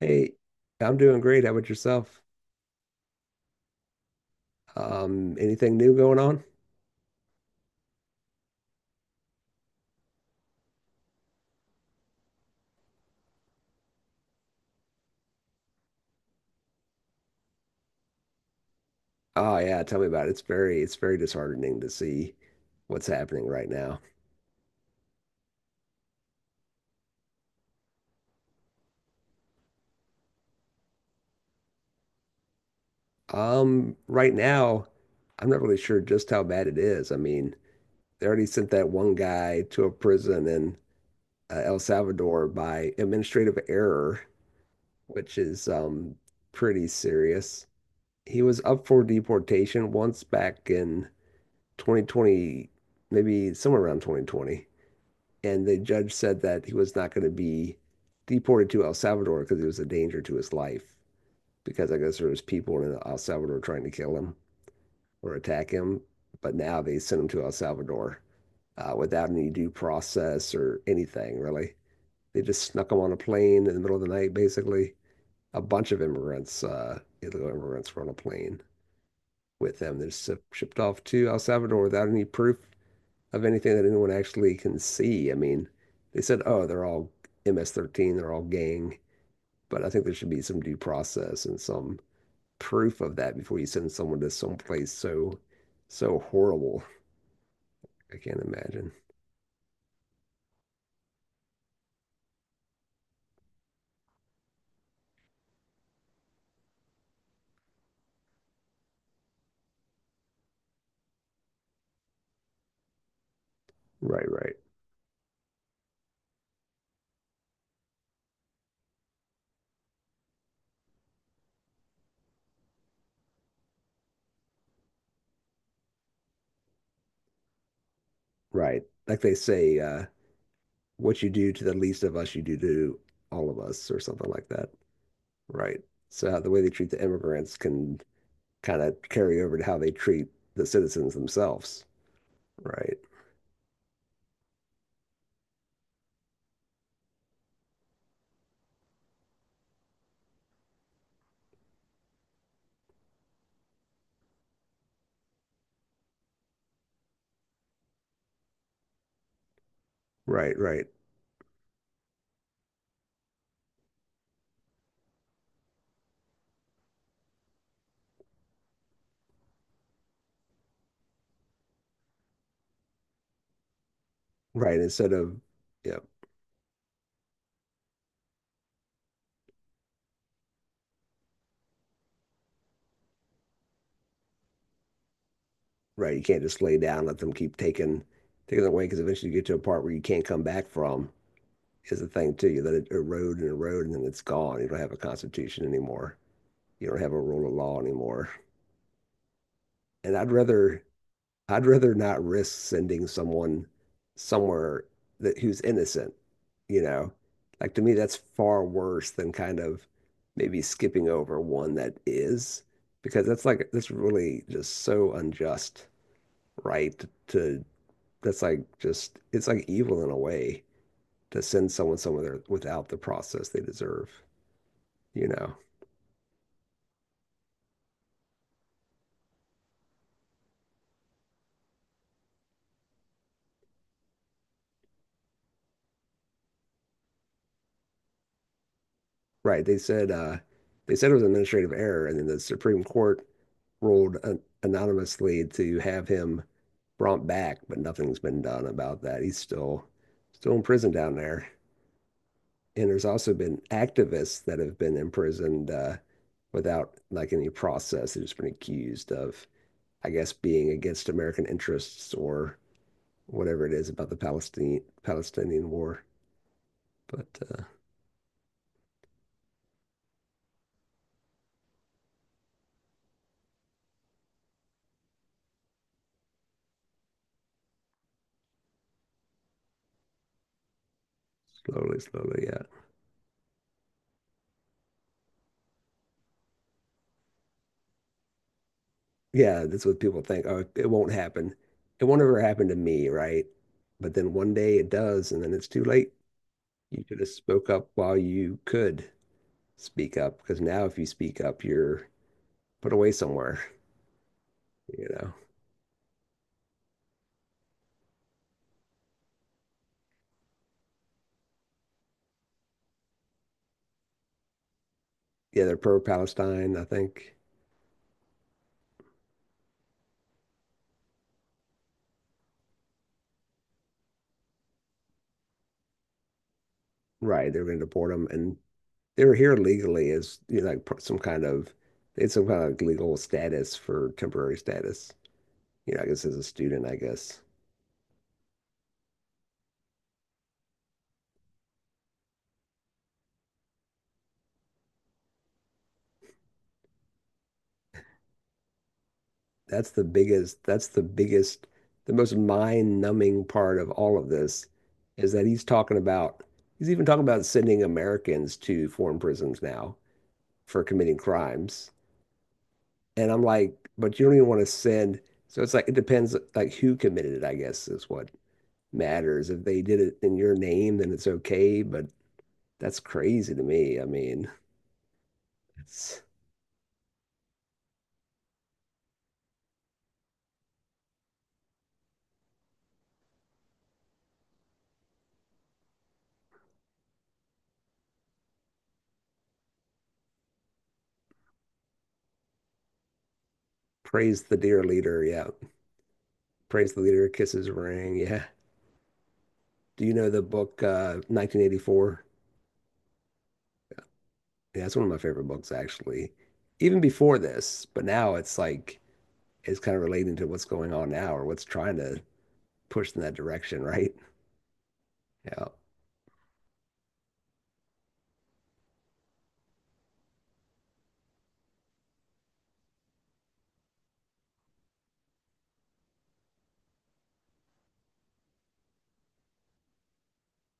Hey, I'm doing great. How about yourself? Anything new going on? Oh yeah, tell me about it. It's very disheartening to see what's happening right now. Right now, I'm not really sure just how bad it is. I mean, they already sent that one guy to a prison in El Salvador by administrative error, which is pretty serious. He was up for deportation once back in 2020, maybe somewhere around 2020. And the judge said that he was not going to be deported to El Salvador because he was a danger to his life. Because I guess there was people in El Salvador trying to kill him or attack him, but now they sent him to El Salvador without any due process or anything really. They just snuck him on a plane in the middle of the night, basically. A bunch of immigrants, illegal immigrants, were on a plane with them. They're shipped off to El Salvador without any proof of anything that anyone actually can see. I mean, they said, oh, they're all MS-13, they're all gang, but I think there should be some due process and some proof of that before you send someone to some place so horrible. I can't imagine. Right, right, right. Like they say, what you do to the least of us, you do to all of us, or something like that. Right. So the way they treat the immigrants can kind of carry over to how they treat the citizens themselves. Right, right, right. Right, instead of, yeah, right. You can't just lay down, let them keep taking it away because eventually you get to a part where you can't come back from is the thing too. You let it erode and erode and then it's gone. You don't have a constitution anymore. You don't have a rule of law anymore. And I'd rather not risk sending someone somewhere that who's innocent, you know. Like to me, that's far worse than kind of maybe skipping over one that is, because that's really just so unjust right to that's like just it's like evil in a way to send someone somewhere without the process they deserve, you know. Right. They said they said it was an administrative error and then the Supreme Court ruled an anonymously to have him brought back, but nothing's been done about that. He's still in prison down there. And there's also been activists that have been imprisoned without like any process. They've just been accused of, I guess, being against American interests or whatever it is about the Palestinian war. But slowly, slowly, yeah, yeah, that's what people think. Oh, it won't happen. It won't ever happen to me, right? But then one day it does, and then it's too late. You should have spoke up while you could speak up, because now if you speak up, you're put away somewhere. You know, yeah, they're pro-Palestine, I think. Right, they're going to deport them, and they were here legally as you know, like some kind of they had some kind of legal status for temporary status. You know, I guess as a student, I guess that's the biggest, the most mind-numbing part of all of this is that he's talking about, he's even talking about sending Americans to foreign prisons now for committing crimes. And I'm like, but you don't even want to send, so it's like, it depends like who committed it, I guess is what matters. If they did it in your name, then it's okay, but that's crazy to me. I mean, it's praise the dear leader. Yeah. Praise the leader, kisses ring. Yeah. Do you know the book 1984? Yeah, that's one of my favorite books, actually. Even before this, but now it's like it's kind of relating to what's going on now or what's trying to push in that direction, right? Yeah,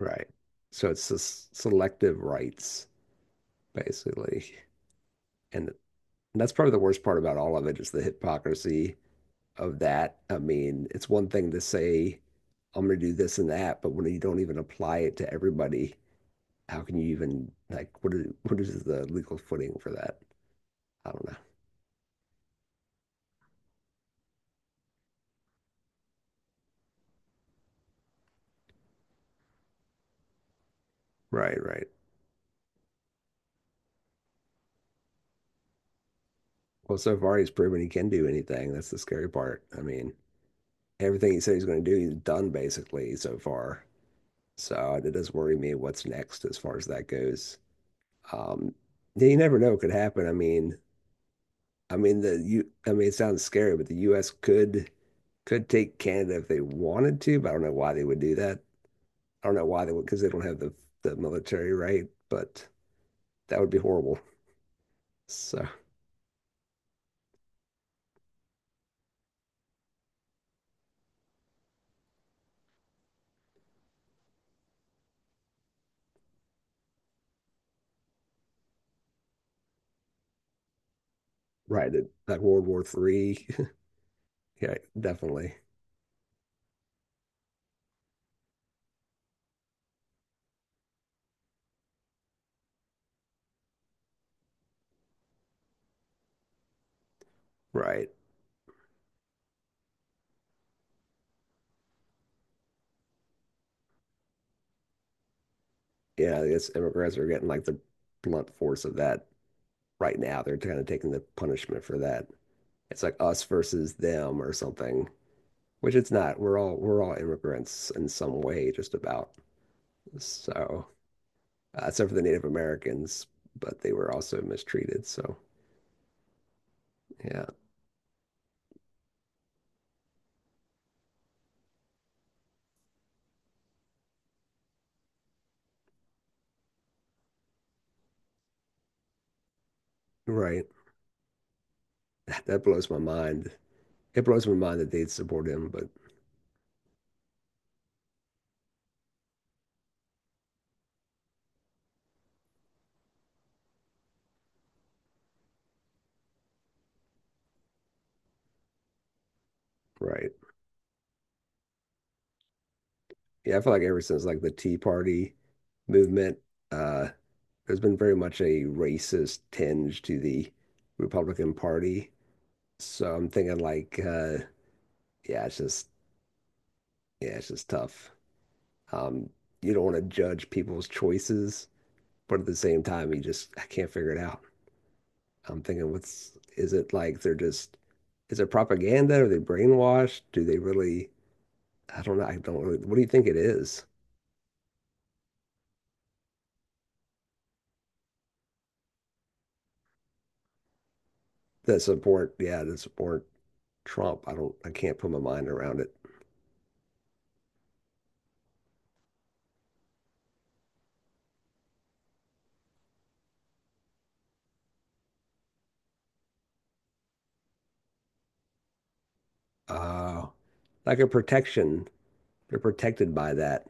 right. So it's just selective rights, basically. And that's probably the worst part about all of it is the hypocrisy of that. I mean, it's one thing to say, I'm going to do this and that, but when you don't even apply it to everybody, how can you even like what is the legal footing for that? I don't know. Right, right. Well, so far he's proven he can do anything. That's the scary part. I mean, everything he said he's going to do, he's done basically so far. So it does worry me what's next as far as that goes. Um, yeah, you never know what could happen. I mean the you. I mean, it sounds scary, but the U.S. could take Canada if they wanted to, but I don't know why they would do that. I don't know why they would because they don't have the military right, but that would be horrible. So Right, that like World War Three. Yeah, definitely. Right. Yeah, I guess immigrants are getting like the blunt force of that right now. They're kind of taking the punishment for that. It's like us versus them or something, which it's not. We're all immigrants in some way, just about. So, except for the Native Americans, but they were also mistreated. So, yeah, right. That blows my mind. It blows my mind that they'd support him, but right. Yeah, I feel like ever since like the Tea Party movement, uh, there's been very much a racist tinge to the Republican Party. So I'm thinking like, yeah, it's just yeah, it's just tough. Um, you don't want to judge people's choices, but at the same time, you just I can't figure it out. I'm thinking, what's is it like they're just is it propaganda? Are they brainwashed? Do they really? I don't know. I don't really. What do you think it is? That support, yeah, that support Trump. I don't, I can't put my mind around it. Uh, like a protection, they're protected by that.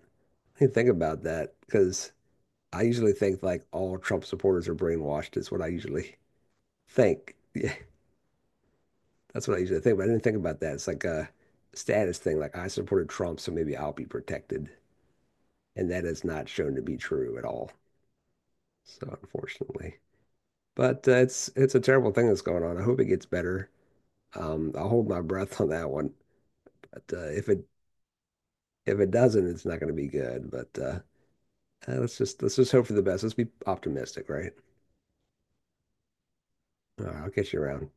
I didn't think about that because I usually think like all Trump supporters are brainwashed. Is what I usually think. Yeah, that's what I usually think. But I didn't think about that. It's like a status thing. Like I supported Trump, so maybe I'll be protected, and that is not shown to be true at all. So unfortunately, but it's a terrible thing that's going on. I hope it gets better. I'll hold my breath on that one. But if it doesn't, it's not going to be good. But let's just hope for the best. Let's be optimistic, right? I'll catch you around.